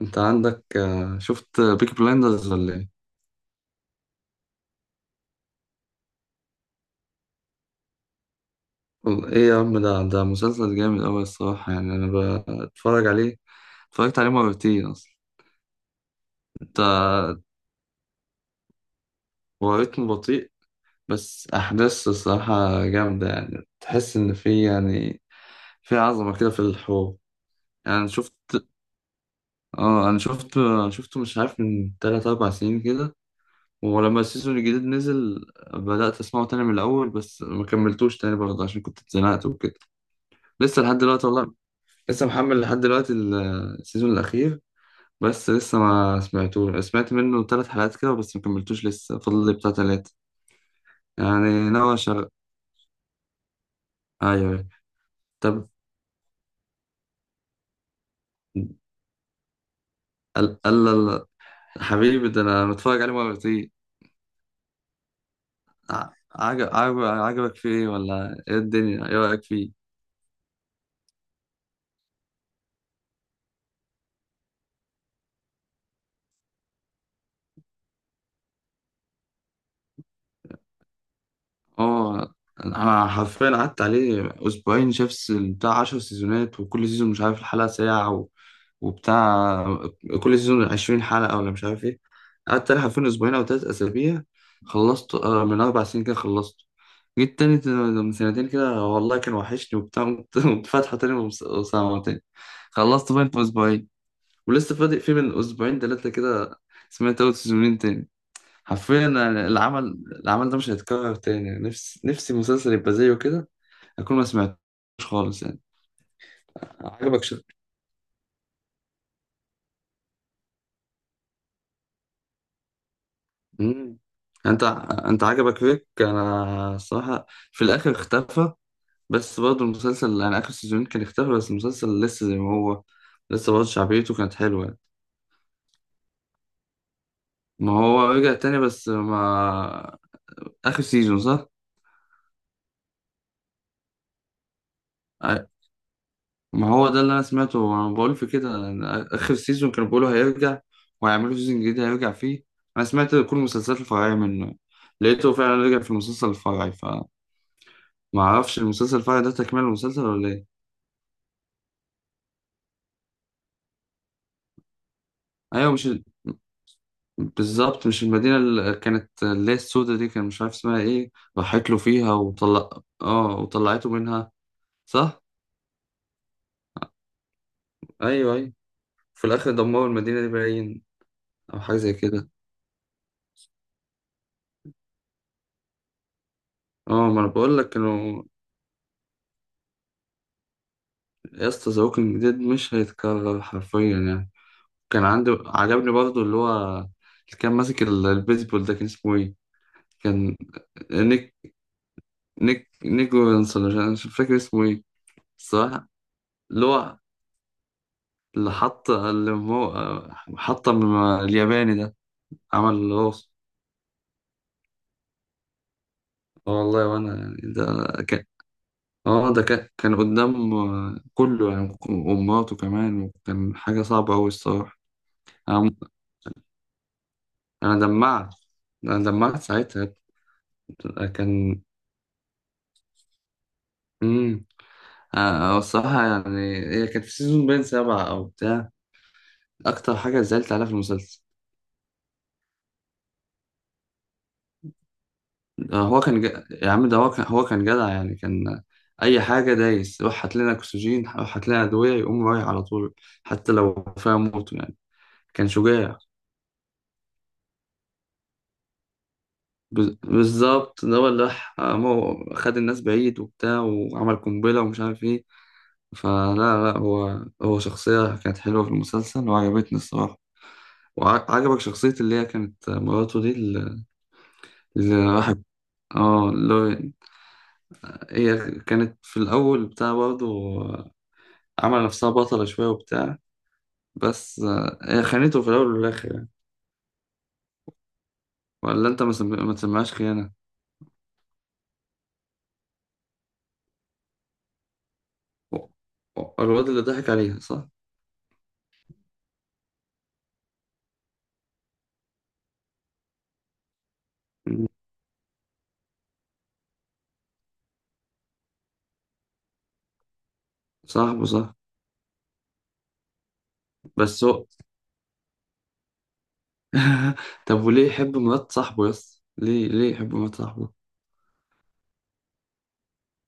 انت عندك، شفت بيكي بلايندرز ولا ايه؟ ايه يا عم، ده مسلسل جامد اوي الصراحة. يعني انا بتفرج عليه. اتفرجت عليه مرتين اصلا. انت. هو رتمه بطيء. بس احداث الصراحة جامدة. يعني تحس ان في، يعني في عظمة كده في الحوار. يعني أنا شفت اه انا شفت آه، شفته مش عارف من 3 4 سنين كده. ولما السيزون الجديد نزل، بدأت اسمعه تاني من الاول. بس ما كملتوش تاني برضه عشان كنت اتزنقت وكده. لسه لحد دلوقتي والله. لسه محمل لحد دلوقتي السيزون الأخير. بس لسه ما سمعتوش، سمعت منه 3 حلقات كده، بس ما كملتوش. لسه فاضل لي بتاع 3. يعني ناوي أشغل. أيوه. طب. ال- ال- ال- حبيبي ده، أنا متفرج عليه مرتين. عجبك فيه إيه؟ ولا إيه الدنيا؟ إيه رأيك فيه؟ اه، انا حرفيا قعدت عليه اسبوعين. بتاع 10 سيزونات، وكل سيزون مش عارف، الحلقة ساعة و وبتاع. كل سيزون 20 حلقة ولا مش عارف ايه. قعدت عليه حرفيا اسبوعين او 3 اسابيع. خلصت من 4 سنين كده. خلصت. جيت تاني من سنتين كده والله، كان وحشني وبتاع. قمت قمت فاتحة تاني وسامعه تاني. خلصت باين في اسبوعين. ولسه فاضي فيه من اسبوعين تلاتة كده. سمعت اول سيزونين تاني. حرفيا أنا، العمل ده مش هيتكرر تاني. نفسي، نفسي مسلسل يبقى زيه كده. اكون ما سمعتوش خالص يعني. عجبك مم. انت انت عجبك فيك انا الصراحه. في الاخر اختفى. بس برضه المسلسل، انا اخر سيزون كان اختفى، بس المسلسل لسه زي ما هو. لسه برضه شعبيته كانت حلوه يعني. ما هو رجع تاني بس ما. اخر سيزون صح. ما هو ده اللي انا سمعته. انا بقول في كده، أنا اخر سيزون كانوا بيقولوا هيرجع. وهيعملوا سيزون جديد هيرجع فيه. انا سمعت كل المسلسلات الفرعيه منه. لقيته فعلا رجع في المسلسل الفرعي، فما اعرفش المسلسل الفرعي ده تكمل المسلسل ولا ايه. ايوه، مش ال- بالظبط، مش المدينه اللي كانت، اللي هي السودة دي، كان مش عارف اسمها ايه. راحت له فيها وطلع. اه، وطلعته منها صح. ايوه، ايوه. في الاخر دمروا المدينه دي باين، او حاجه زي كده. اه، ما انا بقول لك كانوا. يا اسطى، ذا ووكينج ديد مش هيتكرر حرفيا يعني. كان عندي، عجبني برضه اللي هو اللي كان ماسك البيسبول ده، كان اسمه ايه؟ كان نيك نيك ويلسون. أنا مش فاكر اسمه ايه. الصراحة اللي هو اللي هو حط من الياباني ده، عمل الراس. اه والله، وانا يعني كان ده كان قدام كله يعني، ومراته كمان، وكان حاجة صعبة أوي الصراحة. أنا أنا دمعت. أنا دمعت ساعتها. كان. امم هو الصراحة، يعني هي كانت في سيزون باين 7 أو بتاع. أكتر حاجة زعلت عليها في المسلسل. هو كان يا عم ده، هو كان جدع يعني. كان. أي حاجة دايس، روح هات لنا أكسجين، روح هات لنا أدوية، يقوم رايح على طول، حتى لو فيها موت يعني. كان شجاع. بالظبط، ده هو اللي راح، خد الناس بعيد وبتاع، وعمل قنبلة ومش عارف إيه. فلا، لا، هو شخصية كانت حلوة في المسلسل وعجبتني الصراحة. وعجبك شخصية اللي هي كانت مراته دي؟ الواحد. اه. هي كانت في الأول بتاع برضه عمل نفسها بطلة شوية وبتاع. بس هي خانته في الأول والآخر يعني. ولا أنت ما تسميهاش خيانة. و- الواد اللي ضحك عليها صح؟ مم. صاحبه صح. بس هو طب، وليه يحب مرات صاحبه يس؟ ليه يحب مرات صاحبه؟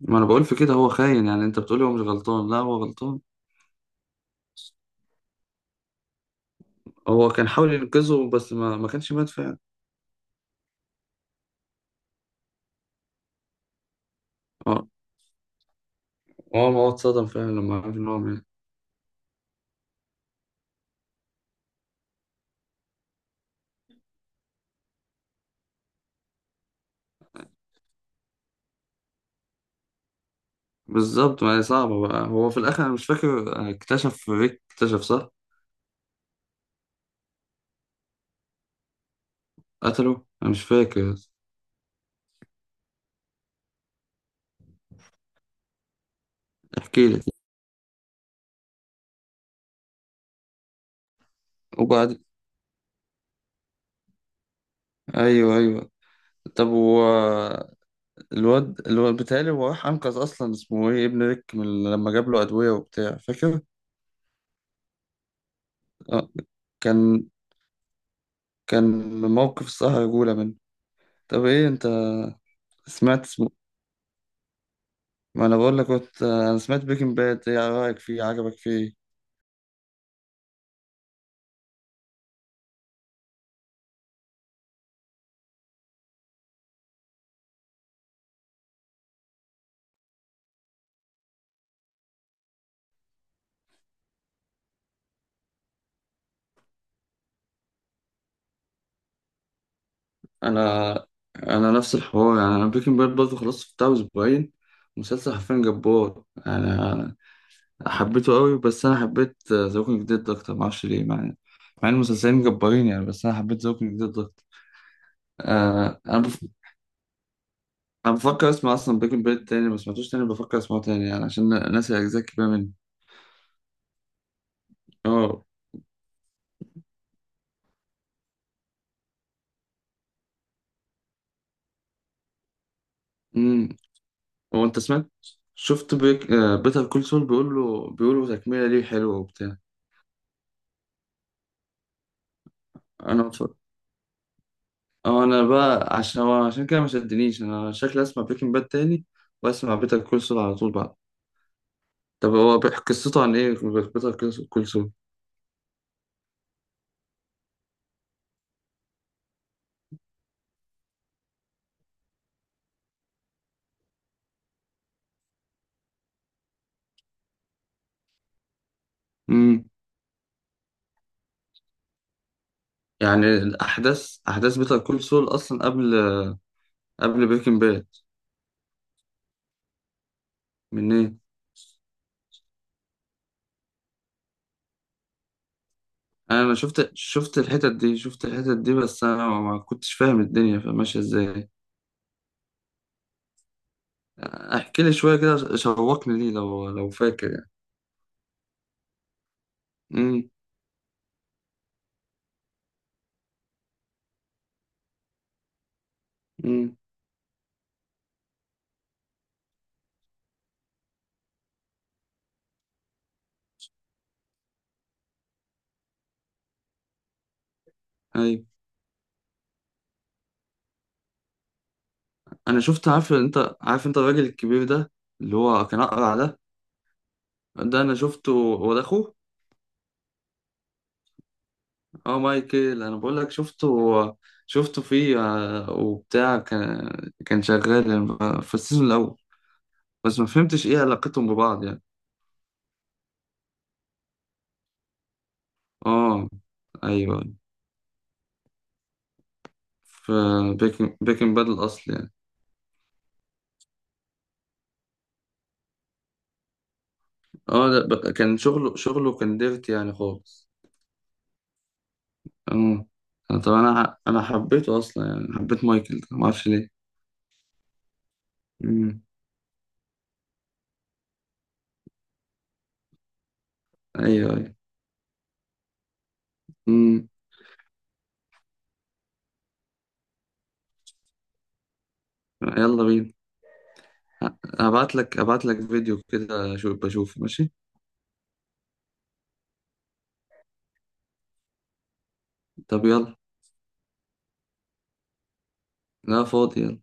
ما أنا بقول في كده، هو خاين يعني. أنت بتقولي هو مش غلطان؟ لا، هو غلطان. هو كان حاول ينقذه بس ما كانش مات فعلا. اه، هو ما هو اتصدم فعلا لما عرف إن هو مات. بالظبط، ما هي صعبة بقى. هو في الآخر، أنا مش فاكر، اكتشف ريك. اكتشف صح. قتله؟ أنا مش فاكر. احكي لك. وبعد. أيوه، أيوه. طب هو، الواد بيتهيألي هو راح أنقذ أصلا، اسمه إيه، ابن ريك، من لما جاب له أدوية وبتاع، فاكر؟ آه. كان كان موقف الصراحة رجولة منه. طب، إيه، أنت سمعت اسمه؟ ما أنا بقول لك، كنت أنا سمعت بريكنج باد. إيه رأيك فيه؟ عجبك فيه؟ انا انا نفس الحوار يعني. انا بريكنج باد برضه خلصت بتاع اسبوعين. مسلسل حرفيا جبار. انا حبيته قوي، بس انا حبيت ذا ووكينج ديد اكتر، ما اعرفش ليه. مع ان المسلسلين جبارين يعني، بس انا حبيت ذا ووكينج ديد اكتر. آه انا بف... انا بفكر اسمع اصلا بريكنج باد تاني. ما سمعتوش تاني، بفكر اسمعه تاني يعني عشان ناسي اجزاء كبيره منه. اه. امم هو انت سمعت، شفت بريك... آه بيتر كول سول، بيقولوا تكمله ليه حلوه وبتاع؟ انا متفرج. اه. انا بقى عشان كده ما شدنيش، انا شكلي اسمع بريكنج باد تاني. واسمع بيتر كول سول على طول بعد. طب، هو قصته عن ايه؟ بيتر كول سول. امم يعني الاحداث، احداث بيتر كول سول اصلا قبل بريكنج باد. من ايه. انا شفت الحتت دي، شفت الحتت دي، بس انا ما كنتش فاهم الدنيا ماشيه ازاي. احكي لي شويه كده، شوقني ليه، لو فاكر يعني. امم. امم. ايوه. انا شفت، عارف، انت عارف انت الراجل الكبير ده، اللي هو كان اقرع ده. ده انا شفته، هو ده اخوه. اه، مايكل. انا بقول لك شفته، شفته فيه وبتاع. كان شغال في السيزون الاول. بس ما فهمتش ايه علاقتهم ببعض يعني. اه، ايوه، في بيكن باد الاصل يعني. اه، ده كان شغله كان ديرتي يعني خالص. اه. طب انا حبيته اصلا يعني، حبيت مايكل ده ما اعرفش ليه. امم. ايوه، ايوه. امم. يلا بينا. هبعت لك فيديو كده شو بشوفه ماشي. طب، يلا. لا، فاضي.